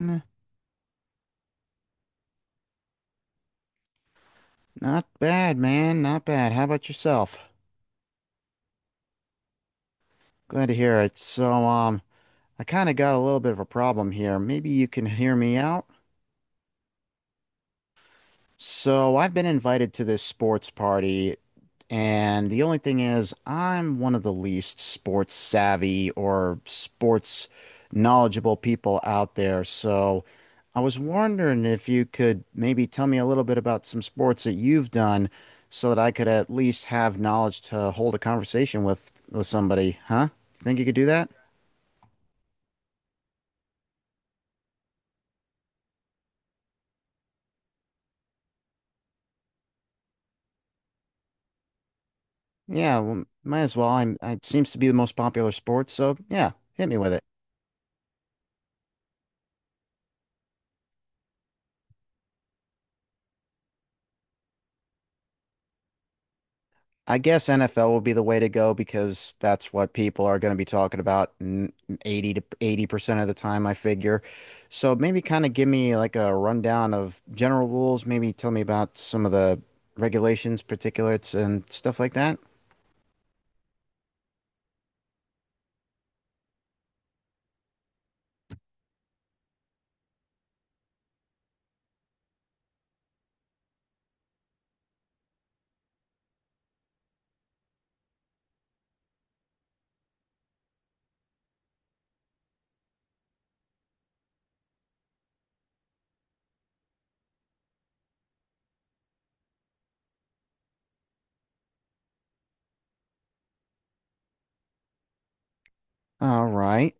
N- Not bad, man. Not bad. How about yourself? Glad to hear it. I kind of got a little bit of a problem here. Maybe you can hear me out? So I've been invited to this sports party, and the only thing is, I'm one of the least sports savvy or sports knowledgeable people out there. So I was wondering if you could maybe tell me a little bit about some sports that you've done so that I could at least have knowledge to hold a conversation with somebody, huh? You think you could do that? Yeah, well, might as well. It seems to be the most popular sport, so yeah, hit me with it. I guess NFL will be the way to go because that's what people are going to be talking about 80 to 80% of the time, I figure. So maybe kind of give me like a rundown of general rules, maybe tell me about some of the regulations, particulates, and stuff like that. All right.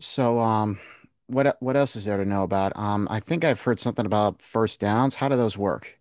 So um what else is there to know about? I think I've heard something about first downs. How do those work?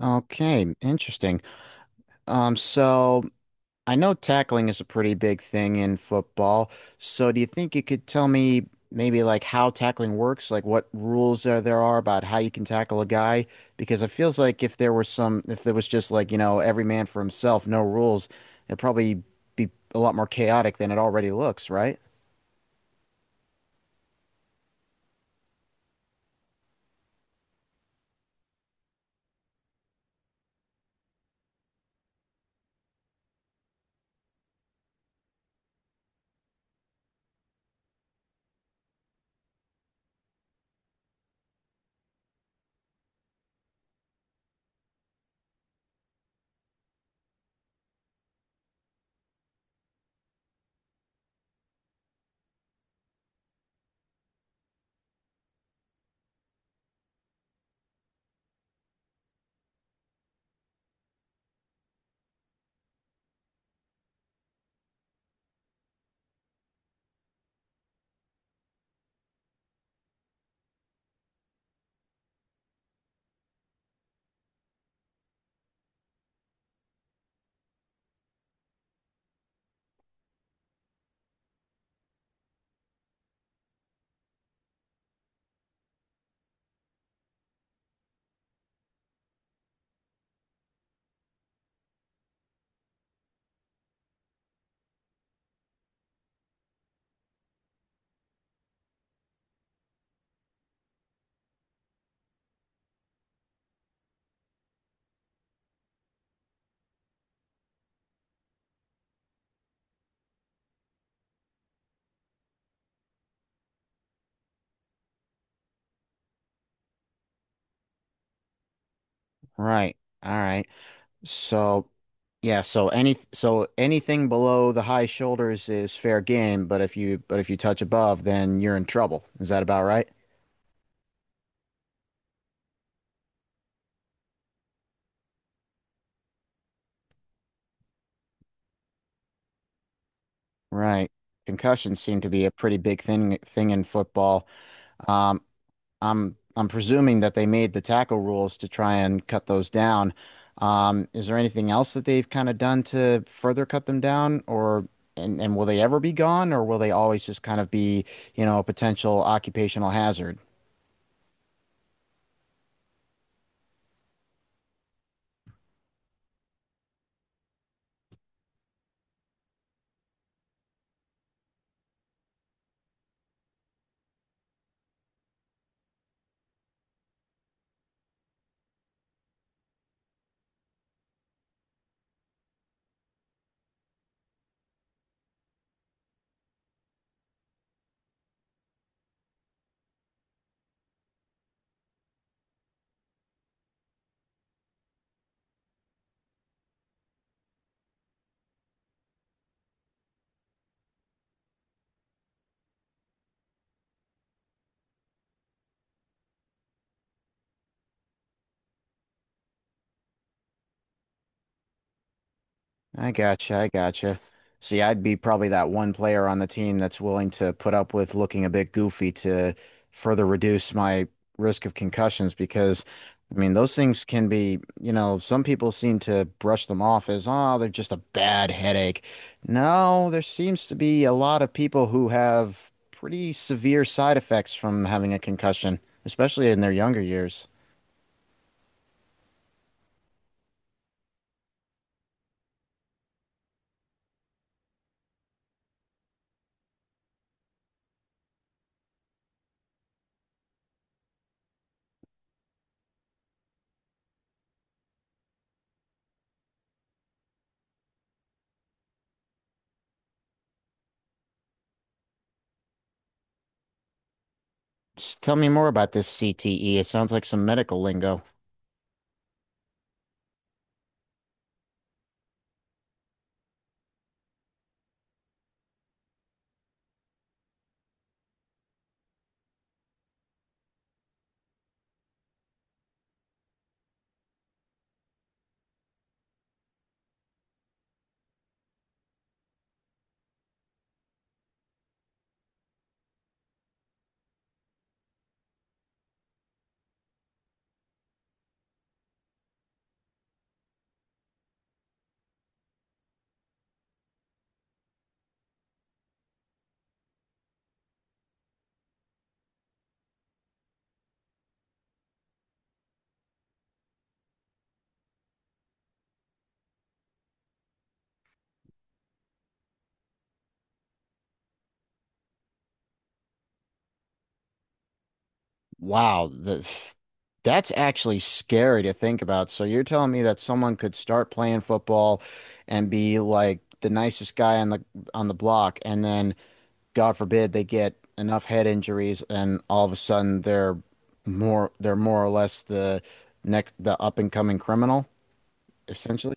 Okay, interesting. So I know tackling is a pretty big thing in football. So do you think you could tell me maybe like how tackling works, like what rules there are about how you can tackle a guy? Because it feels like if there was just like, you know, every man for himself, no rules, it'd probably be a lot more chaotic than it already looks, right? Right. All right. So so anything below the high shoulders is fair game, but if you touch above, then you're in trouble. Is that about right? Right. Concussions seem to be a pretty big thing in football. Um, I'm presuming that they made the tackle rules to try and cut those down. Is there anything else that they've kind of done to further cut them down, or and will they ever be gone, or will they always just kind of be, you know, a potential occupational hazard? I gotcha. I gotcha. See, I'd be probably that one player on the team that's willing to put up with looking a bit goofy to further reduce my risk of concussions because, I mean, those things can be, you know, some people seem to brush them off as, oh, they're just a bad headache. No, there seems to be a lot of people who have pretty severe side effects from having a concussion, especially in their younger years. Just tell me more about this CTE. It sounds like some medical lingo. Wow, this That's actually scary to think about. So you're telling me that someone could start playing football and be like the nicest guy on the block, and then God forbid they get enough head injuries, and all of a sudden they're more or less the up and coming criminal, essentially.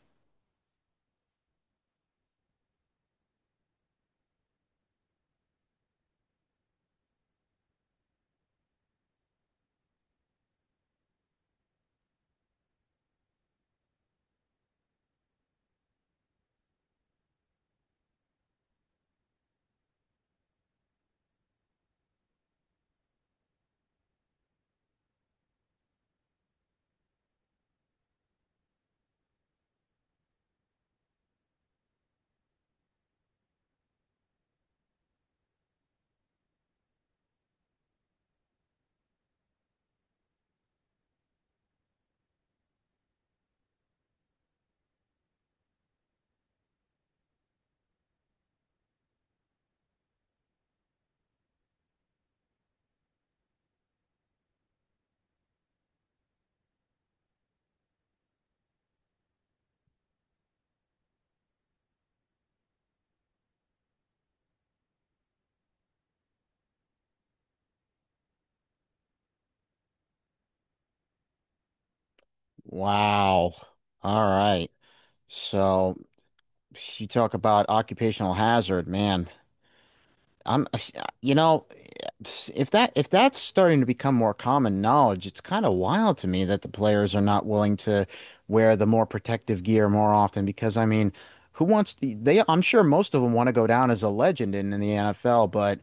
Wow. All right. So you talk about occupational hazard, man. I'm, you know. If that's starting to become more common knowledge, it's kind of wild to me that the players are not willing to wear the more protective gear more often because I mean, who wants to, they I'm sure most of them want to go down as a legend in the NFL, but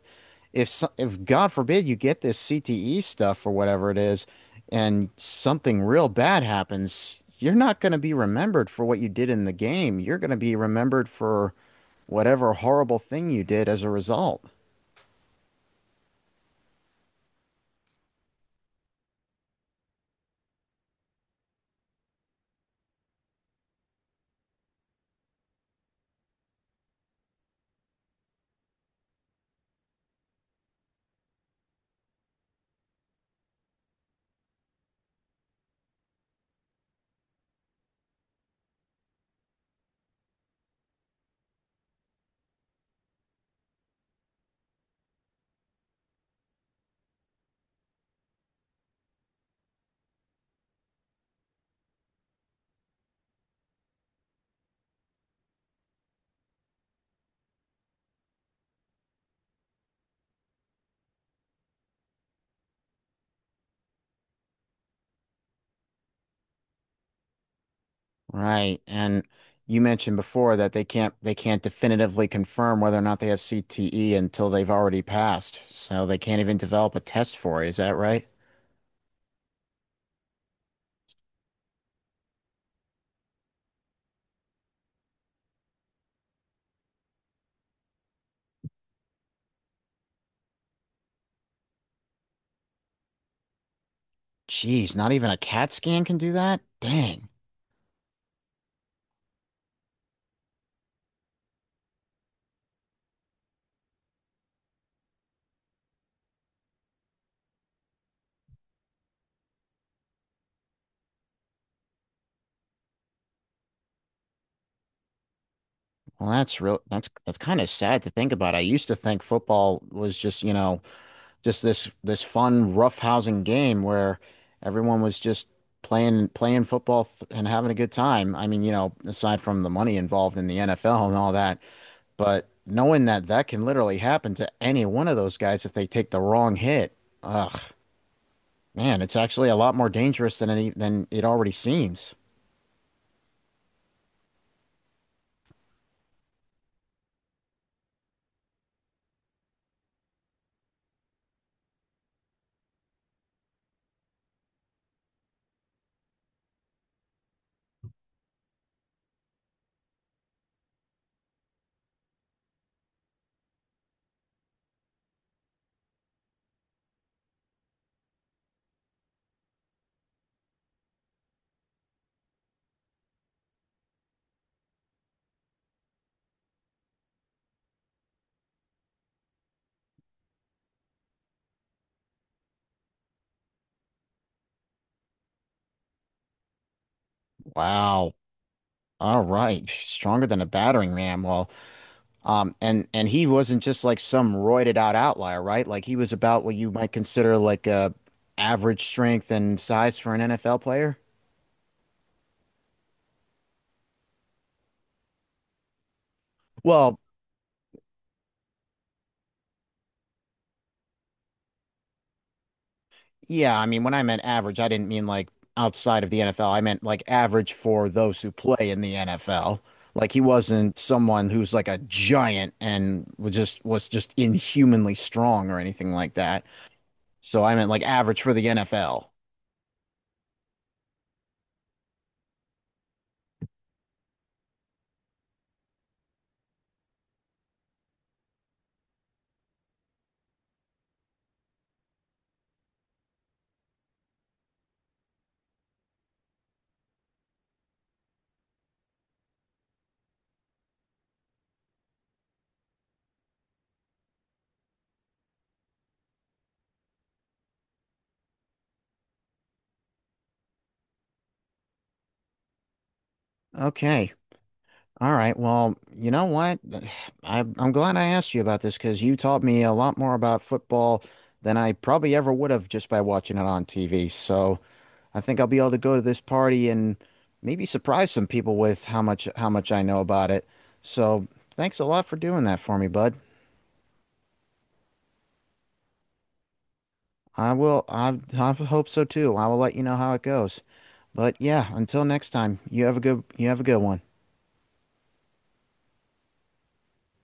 if God forbid you get this CTE stuff or whatever it is and something real bad happens, you're not going to be remembered for what you did in the game. You're going to be remembered for whatever horrible thing you did as a result. Right. And you mentioned before that they can't definitively confirm whether or not they have CTE until they've already passed. So they can't even develop a test for it. Is that right? Geez, not even a CAT scan can do that? Dang. Well, that's real that's kind of sad to think about. I used to think football was just, you know, just this fun roughhousing game where everyone was just playing football th and having a good time. I mean, you know, aside from the money involved in the NFL and all that. But knowing that that can literally happen to any one of those guys if they take the wrong hit, ugh, man, it's actually a lot more dangerous than any than it already seems. Wow. All right, stronger than a battering ram. Well, and he wasn't just like some roided out outlier, right? Like he was about what you might consider like a average strength and size for an NFL player. Well, yeah, I mean, when I meant average, I didn't mean like outside of the NFL. I meant like average for those who play in the NFL. Like he wasn't someone who's like a giant and was just inhumanly strong or anything like that. So I meant like average for the NFL. Okay. All right. Well, you know what? I'm glad I asked you about this because you taught me a lot more about football than I probably ever would have just by watching it on TV. So I think I'll be able to go to this party and maybe surprise some people with how much I know about it. So thanks a lot for doing that for me, bud. I hope so too. I will let you know how it goes. But yeah, until next time, you have a good one.